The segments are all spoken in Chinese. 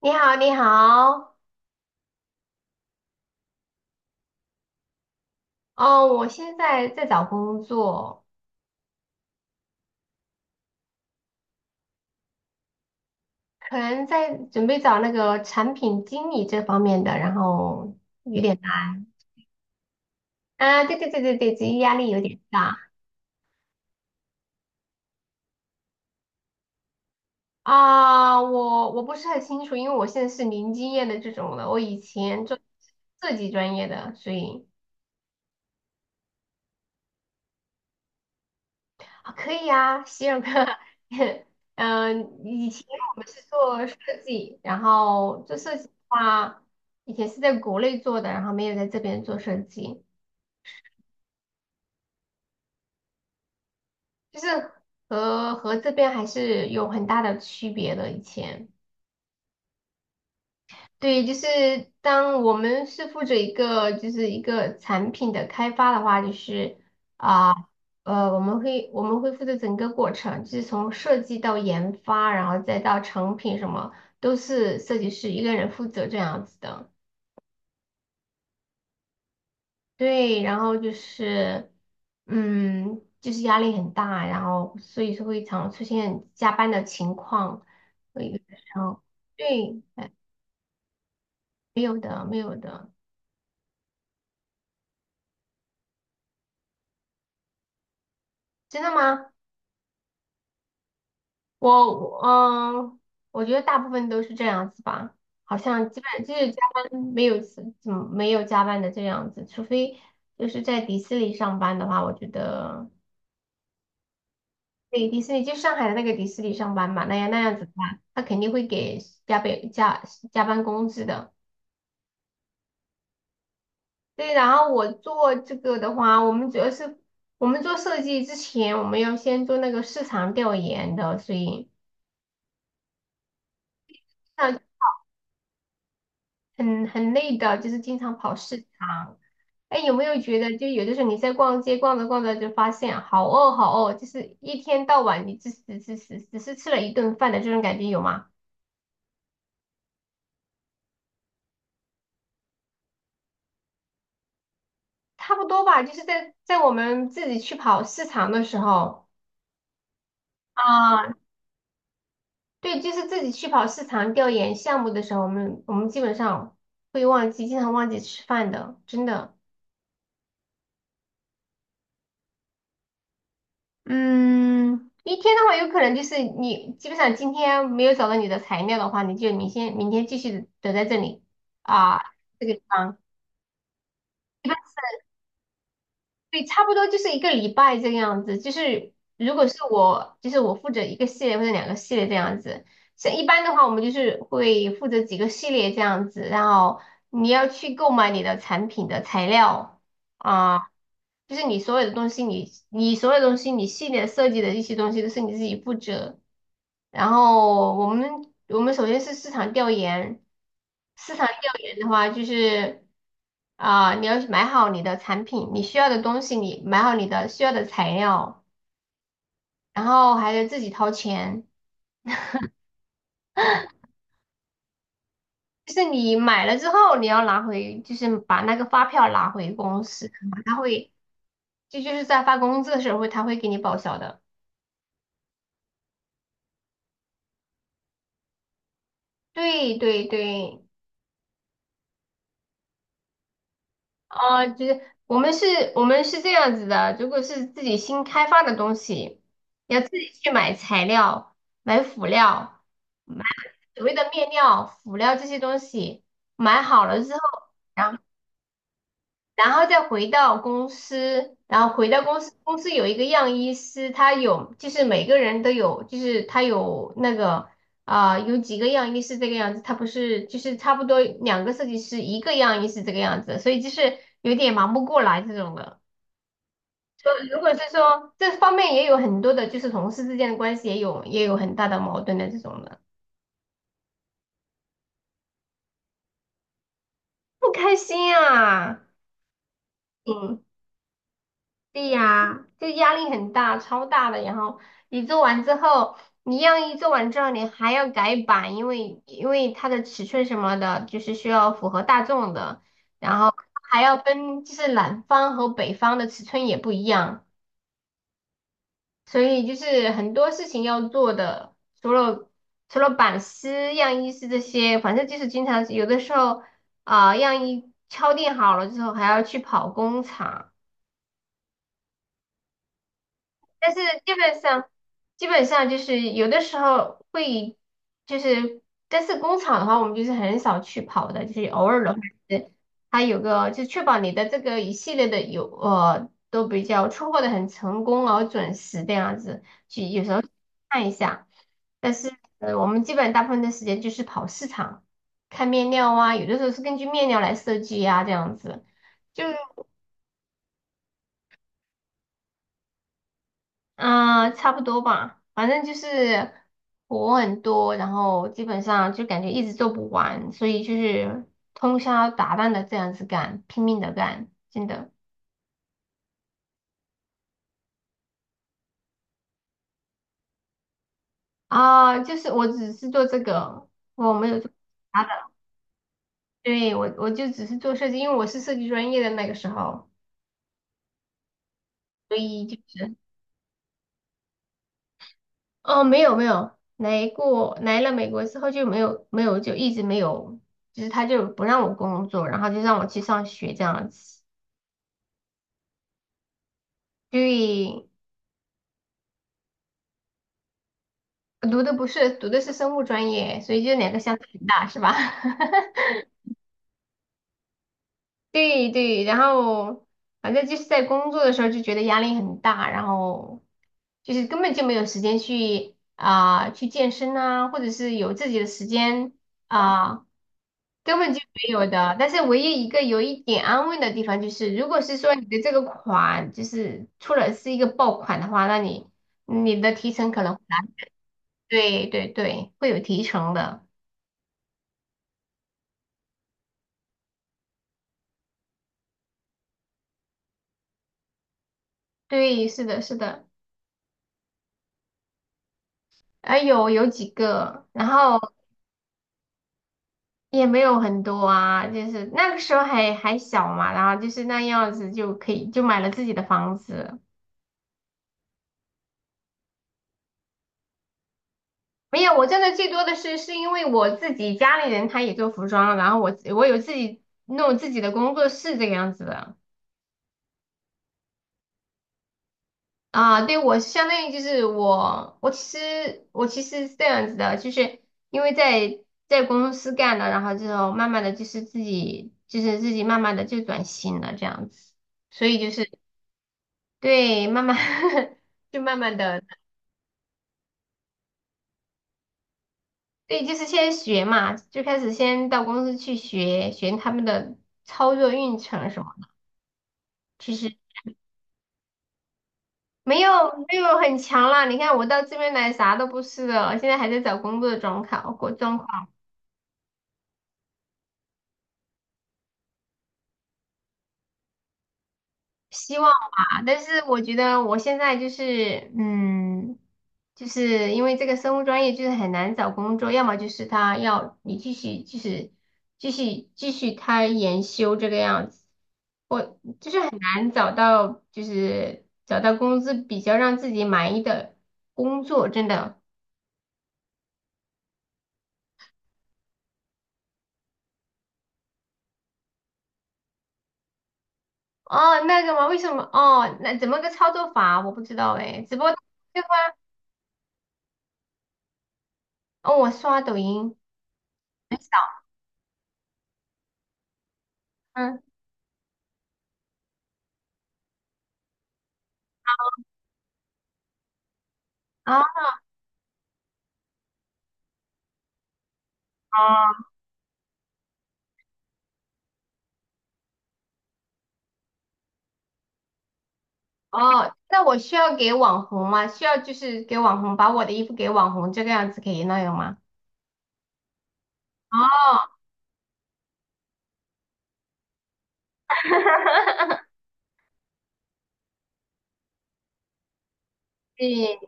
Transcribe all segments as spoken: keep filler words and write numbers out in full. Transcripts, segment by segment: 你好，你好。哦，我现在在找工作，可能在准备找那个产品经理这方面的，然后有点难。啊，对对对对对，职业压力有点大啊。我我不是很清楚，因为我现在是零经验的这种的，我以前做设计专业的，所以。啊，可以啊，希尔哥，嗯，以前我们是做设计，然后做设计的话，以前是在国内做的，然后没有在这边做设计，就是和和这边还是有很大的区别的。以前，对，就是当我们是负责一个就是一个产品的开发的话，就是呃，我们会我们会负责整个过程，就是从设计到研发，然后再到成品什么，都是设计师一个人负责这样子的。对，然后就是，嗯，就是压力很大，然后所以说会常出现加班的情况，会有的时候，对，哎，没有的，没有的，真的吗？我嗯，我觉得大部分都是这样子吧，好像基本就是加班没有怎么没有加班的这样子，除非就是在迪士尼上班的话，我觉得对迪士尼就上海的那个迪士尼上班嘛，那样那样子的话，他肯定会给加倍加加班工资的。对，然后我做这个的话，我们主要是我们做设计之前，我们要先做那个市场调研的，所以那很很累的，就是经常跑市场。哎，有没有觉得，就有的时候你在逛街逛着逛着就发现好饿好饿，就是一天到晚你只只只只只是吃了一顿饭的这种感觉有吗？差不多吧，就是在在我们自己去跑市场的时候啊，对，就是自己去跑市场调研项目的时候，我们我们基本上会忘记，经常忘记吃饭的，真的。嗯，一天的话，有可能就是你基本上今天没有找到你的材料的话，你就明天明天继续等在这里啊这个地方。对，差不多就是一个礼拜这个样子。就是如果是我，就是我负责一个系列或者两个系列这样子。像一般的话，我们就是会负责几个系列这样子，然后你要去购买你的产品的材料啊，就是你所有的东西你，你所有东西，你系列设计的一些东西都是你自己负责。然后我们我们首先是市场调研，市场调研的话就是啊、你要买好你的产品，你需要的东西，你买好你的需要的材料，然后还得自己掏钱。就是你买了之后，你要拿回，就是把那个发票拿回公司，他会，这就是在发工资的时候会，他会给你报销的。对对对，哦，就是我们是，我们是这样子的，如果是自己新开发的东西，要自己去买材料、买辅料、买所谓的面料、辅料这些东西，买好了之后，然后。然后再回到公司，然后回到公司，公司有一个样衣师，他有就是每个人都有，就是他有那个啊、有几个样衣是这个样子，他不是就是差不多两个设计师一个样衣是这个样子，所以就是有点忙不过来这种的。如果是说这方面也有很多的，就是同事之间的关系也有也有很大的矛盾的这种的，不开心啊，嗯。对呀，就压力很大，超大的。然后你做完之后，你样衣做完之后，你还要改版，因为因为它的尺寸什么的，就是需要符合大众的，然后还要分，就是南方和北方的尺寸也不一样，所以就是很多事情要做的，除了除了版师、样衣师这些，反正就是经常有的时候啊、样衣敲定好了之后，还要去跑工厂。但是基本上，基本上就是有的时候会，就是，但是工厂的话，我们就是很少去跑的，就是偶尔的话，是它有个就确保你的这个一系列的有呃都比较出货的很成功而准时这样子，去有时候看一下。但是呃，我们基本大部分的时间就是跑市场，看面料啊，有的时候是根据面料来设计啊，这样子。就啊，差不多吧，反正就是活很多，然后基本上就感觉一直做不完，所以就是通宵达旦的这样子干，拼命的干，真的啊，就是我只是做这个，我没有做其他的，对，我我就只是做设计，因为我是设计专业的那个时候，所以就是哦，没有没有，来过来了美国之后就没有没有就一直没有，就是他就不让我工作，然后就让我去上学这样子。对，读的不是，读的是生物专业，所以就两个相差很大，是吧？对对，然后反正就是在工作的时候就觉得压力很大，然后就是根本就没有时间去啊、去健身啊，或者是有自己的时间啊、根本就没有的。但是唯一一个有一点安慰的地方就是，如果是说你的这个款就是出了是一个爆款的话，那你你的提成可能会拿，对对对，会有提成的。对，是的，是的。啊，有有几个，然后也没有很多啊，就是那个时候还还小嘛，然后就是那样子就可以就买了自己的房子。没有，我挣的最多的是是因为我自己家里人他也做服装，然后我我有自己弄自己的工作室这个样子的啊。对，我相当于就是我我其实我其实是这样子的，就是因为在在公司干了，然后之后慢慢的就是自己就是自己慢慢的就转型了这样子。所以就是对，慢慢 就慢慢的，对，就是先学嘛，就开始先到公司去学学他们的操作运程什么的。其实没有没有很强啦，你看我到这边来啥都不是的，现在还在找工作的状况，过状况，希望吧。但是我觉得我现在就是嗯，就是因为这个生物专业就是很难找工作，要么就是他要你继续就是继续继续开研修这个样子。就是很难找到，就是找到工资比较让自己满意的工作，真的。哦，那个吗？为什么？哦，那怎么个操作法？我不知道哎，直播对方，哦，我刷抖音，嗯，啊，哦，哦那我需要给网红吗？需要就是给网红，把我的衣服给网红，这个样子可以那样吗？哦，对，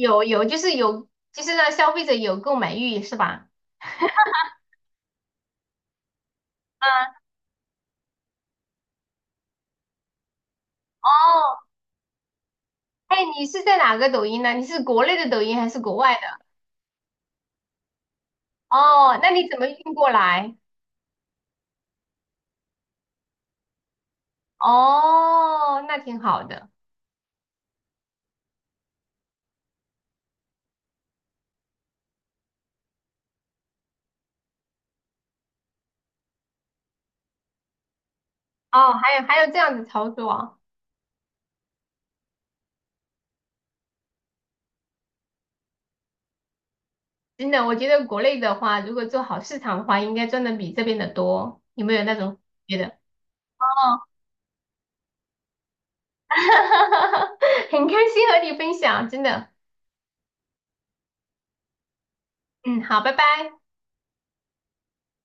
有有，就是有，就是让消费者有购买欲，是吧？嗯，哦，哎，你是在哪个抖音呢？你是国内的抖音还是国外的？哦，那你怎么运过来？哦，那挺好的。哦，还有还有这样子操作啊，真的，我觉得国内的话，如果做好市场的话，应该赚的比这边的多。有没有那种觉得？哦，很开心和你分享，真的。嗯，好，拜拜。